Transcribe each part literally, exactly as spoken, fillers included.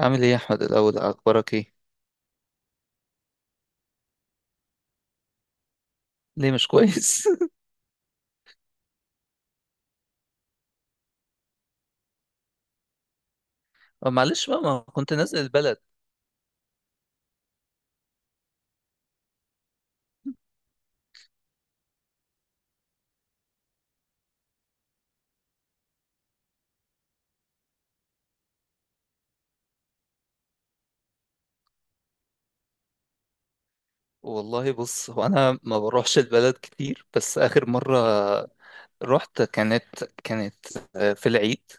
عامل ايه يا احمد، الاول اخبارك ايه؟ ليه مش كويس؟ معلش بقى، ما كنت نازل البلد. والله بص، هو انا ما بروحش البلد كتير، بس اخر مره رحت كانت كانت آه، في العيد.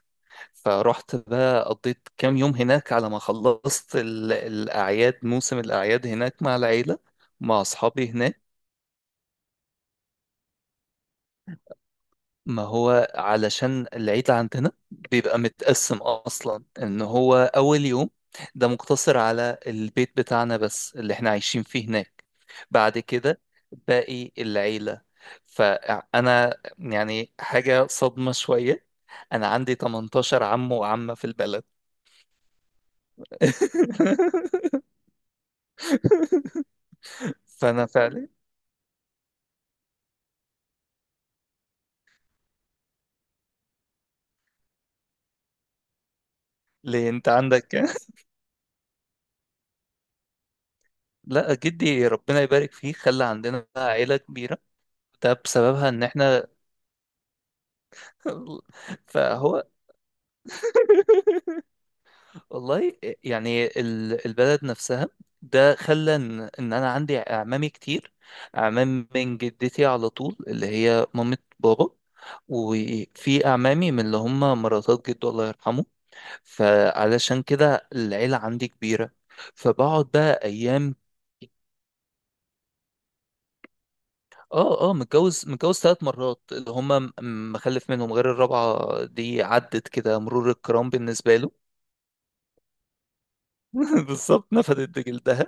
فرحت بقى، قضيت كام يوم هناك على ما خلصت ال- الاعياد، موسم الاعياد هناك مع العيله، مع اصحابي هناك. ما هو علشان العيد عندنا بيبقى متقسم اصلا، ان هو اول يوم ده مقتصر على البيت بتاعنا بس، اللي احنا عايشين فيه هناك. بعد كده، باقي العيلة. فانا يعني حاجة صدمة شوية، انا عندي تمنتاشر عم وعمة في البلد. فانا فعلا. ليه، انت عندك كام؟ لا، جدي ربنا يبارك فيه خلى عندنا بقى عيلة كبيرة. ده بسببها ان احنا... فهو... والله. يعني ال- البلد نفسها، ده خلى ان إن انا عندي اعمامي كتير، اعمام من جدتي على طول، اللي هي مامة بابا. وفي اعمامي من اللي هم مراتات جده الله يرحمه، فعلشان كده العيلة عندي كبيرة، فبقعد بقى ايام. اه، اه، متجوز متجوز ثلاث مرات، اللي هم م- مخلف منهم، غير الرابعة دي عدت كده مرور الكرام بالنسبة له. بالظبط، نفدت جلدها.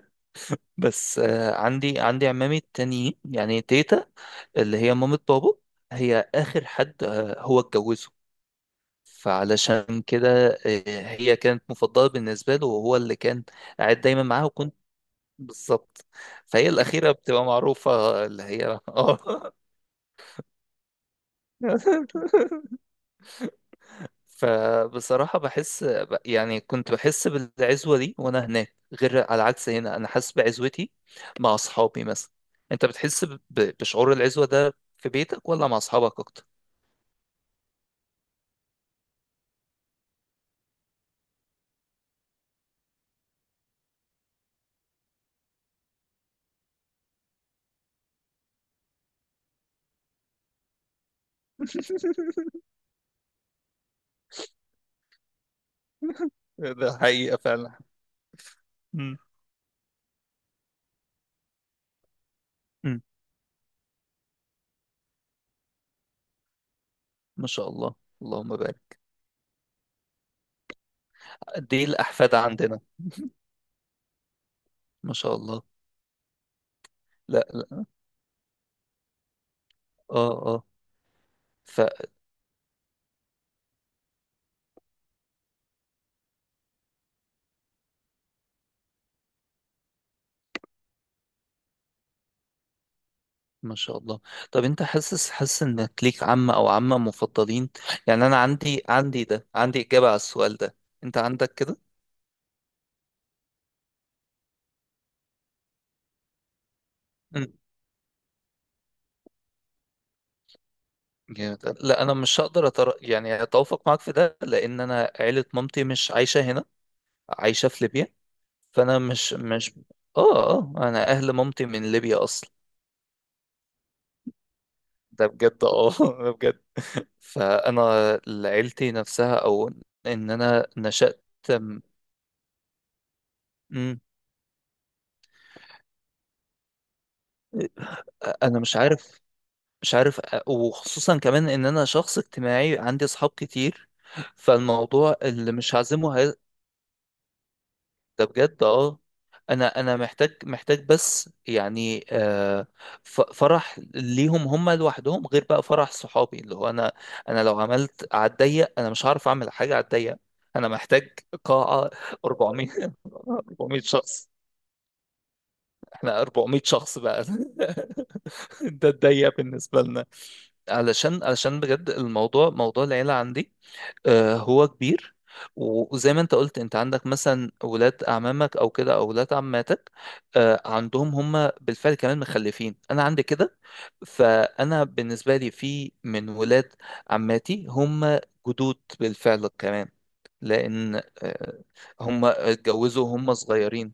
بس آه، عندي عندي عمامي التانيين، يعني تيتا، اللي هي مامة بابا، هي آخر حد آه، هو اتجوزه. فعلشان كده آه، هي كانت مفضلة بالنسبة له، وهو اللي كان قاعد دايما معاها، وكنت بالظبط. فهي الأخيرة بتبقى معروفة، اللي هي اه. فبصراحة بحس ب- يعني كنت بحس بالعزوة دي وأنا هناك، غير على العكس هنا أنا حاسس بعزوتي مع أصحابي مثلا. أنت بتحس ب- بشعور العزوة ده في بيتك ولا مع أصحابك أكتر؟ ده حقيقة فعلا. مم. مم. ما شاء الله، اللهم بارك. قد ايه الأحفاد عندنا؟ ما شاء الله. لا، لا. اه، اه. ف... ما شاء الله. طب انت حاسس حاسس انك ليك عم او عمة مفضلين؟ يعني انا عندي عندي ده عندي إجابة على السؤال ده، انت عندك كده؟ مم. جامد، لا انا مش هقدر أتر... يعني اتوافق معاك في ده، لان انا عيله مامتي مش عايشه هنا، عايشه في ليبيا. فانا مش مش اه، اه. انا اهل مامتي من ليبيا اصلا. ده بجد اه. ده بجد. فانا... عيلتي نفسها، او... ان انا نشأت... م- مم. انا مش عارف، مش عارف أ- وخصوصا كمان ان انا شخص اجتماعي، عندي اصحاب كتير. فالموضوع اللي مش هعزمه... ده بجد اه. انا انا محتاج محتاج بس يعني آه، ف- فرح ليهم هم لوحدهم، غير بقى فرح صحابي اللي هو انا. انا لو عملت على الضيق، انا مش هعرف اعمل حاجه على الضيق. انا محتاج قاعه، اربعمائة، اربعمائة، شخص. احنا اربعمائة شخص بقى. ده الضيق بالنسبه لنا. علشان علشان بجد الموضوع، موضوع العيله عندي آه، هو كبير. و- وزي ما انت قلت، انت عندك مثلا ولاد اعمامك او كده، او ولاد عماتك، آه، عندهم هم بالفعل كمان مخلفين، انا عندي كده. فانا بالنسبه لي، في من ولاد عماتي هم جدود بالفعل كمان، لان آه، هم اتجوزوا وهم صغيرين.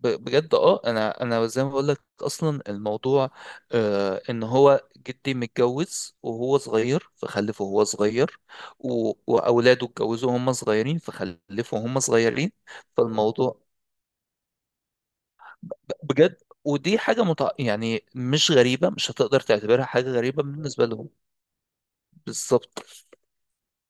ب- بجد اه، انا انا زي ما بقول لك، اصلا الموضوع آه ان هو جدي متجوز وهو صغير فخلفه وهو صغير، و- واولاده اتجوزوا وهم صغيرين فخلفوا وهم صغيرين. فالموضوع ب- بجد، ودي حاجة متع... يعني مش غريبة، مش هتقدر تعتبرها حاجة غريبة بالنسبة لهم. بالظبط.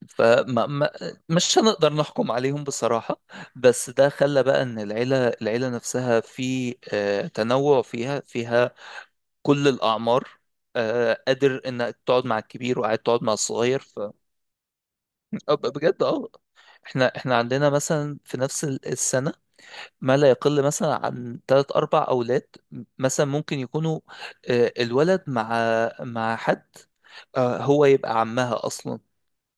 فما ما مش هنقدر نحكم عليهم بصراحة. بس ده خلى بقى ان العيلة العيلة نفسها في آه، تنوع فيها فيها كل الأعمار، آه، قادر إنك تقعد مع الكبير وقاعد تقعد مع الصغير، ف... آه، بجد اه. احنا احنا عندنا مثلا في نفس ال- السنة، ما لا يقل مثلا عن تلات أربع أولاد، مثلا ممكن يكونوا آه، الولد مع مع حد آه، هو يبقى عمها أصلا،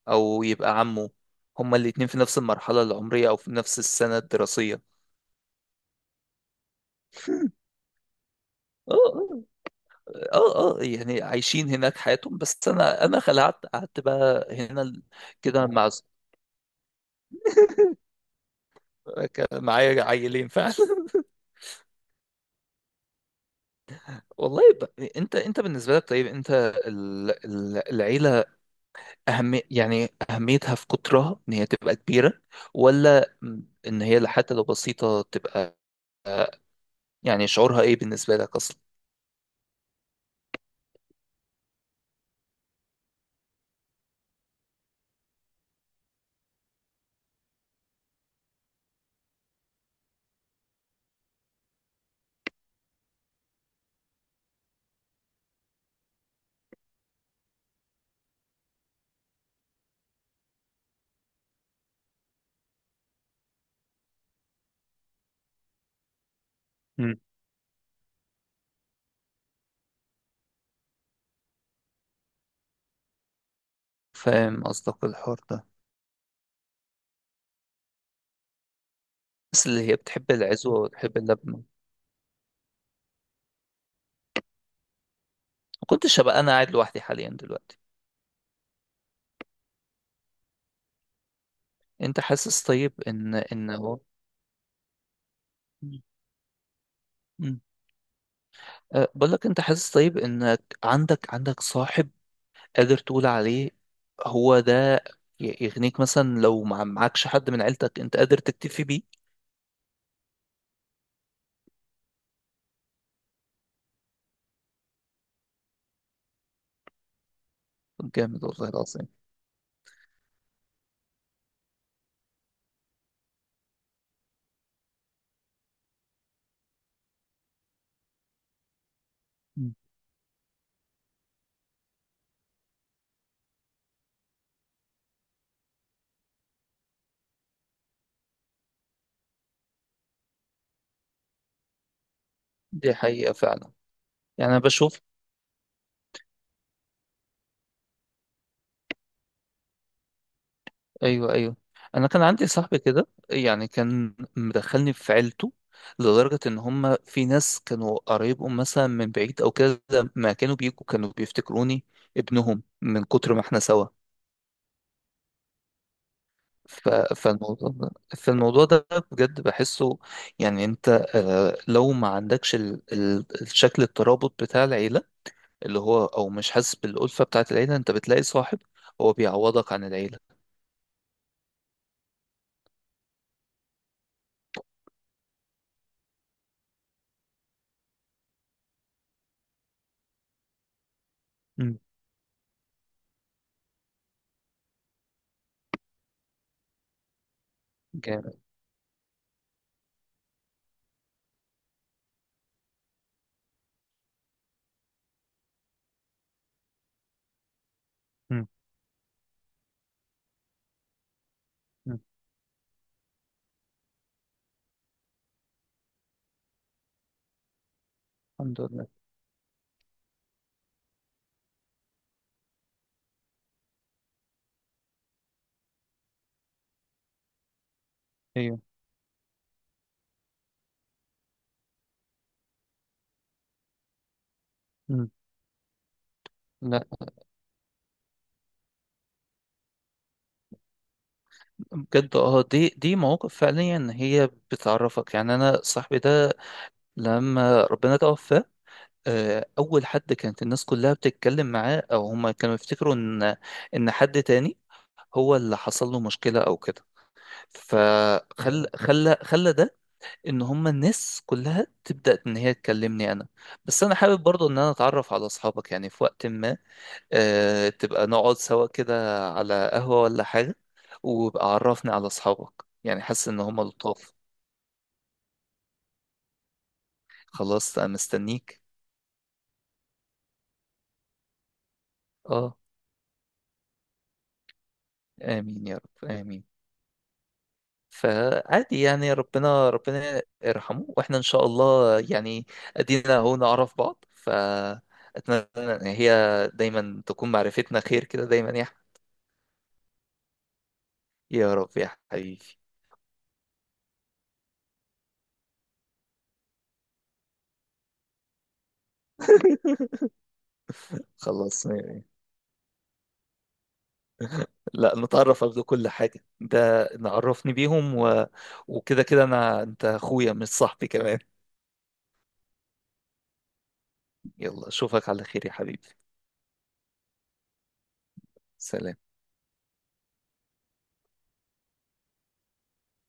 أو يبقى عمه، هما الاتنين في نفس المرحلة العمرية أو في نفس السنة الدراسية. اه، اه، اه. آه، يعني عايشين هناك حياتهم، بس انا انا خلعت قعدت بقى هنا ال- كده مع... كان معايا عيلين فعلا. والله، ب... انت انت بالنسبه لك طيب، انت ال... ال- العيله، اهم يعني اهميتها في قطرها ان هي تبقى كبيره، ولا ان هي حتى لو بسيطه تبقى؟ يعني شعورها ايه بالنسبه لك اصلا؟ مم. فاهم قصدك، الحوار ده. بس اللي هي بتحب العزوه وتحب اللبنه، ما كنتش هبقى انا قاعد لوحدي حاليا دلوقتي. انت حاسس طيب ان ان هو... مم. مم. أه، بقول لك، انت حاسس طيب انك عندك عندك صاحب قادر تقول عليه هو ده ي- يغنيك مثلا، لو مع- معكش حد من عيلتك انت قادر تكتفي بيه؟ طب جامد، والله العظيم. مم. دي حقيقة فعلا. يعني انا بشوف. ايوه، ايوه. انا كان عندي صاحبي كده، يعني كان مدخلني في عيلته، لدرجة ان هم في ناس كانوا قرايبهم مثلا من بعيد او كده، ما كانوا بيجوا كانوا بيفتكروني ابنهم من كتر ما احنا سوا. ف- فالموضوع ده، فالموضوع ده بجد بحسه، يعني انت آه، لو ما عندكش ال- ال- الشكل الترابط بتاع العيلة، اللي هو او مش حاسس بالألفة بتاعت العيلة، انت بتلاقي صاحب هو بيعوضك عن العيلة. مم. جامد. مم. مم. الحمد لله. ايوه. مم. لا. بجد اه، دي دي مواقف فعليا هي بتعرفك. يعني انا صاحبي ده لما ربنا توفى، آه، اول حد كانت الناس كلها بتتكلم معاه، او هما كانوا يفتكروا ان ان حد تاني هو اللي حصل له مشكلة او كده. فخل خلى خلى ده ان هما الناس كلها تبدأ ان هي تكلمني انا. بس انا حابب برضو ان انا اتعرف على اصحابك، يعني في وقت ما آه، تبقى نقعد سوا كده على قهوة ولا حاجة، وبقى عرفني على اصحابك، يعني حاسس ان هما لطاف. خلاص انا مستنيك. اه. امين يا رب، امين. فعادي يعني، ربنا ربنا يرحمه، واحنا ان شاء الله يعني، ادينا اهو نعرف بعض، فاتمنى ان هي دايما تكون معرفتنا خير كده دايما يا ح- يا رب يا حبيبي. خلاص م- لا، نتعرف قبل كل حاجة، ده نعرفني بيهم و... وكده كده انا، انت اخويا مش صاحبي كمان. يلا اشوفك على خير يا حبيبي. سلام.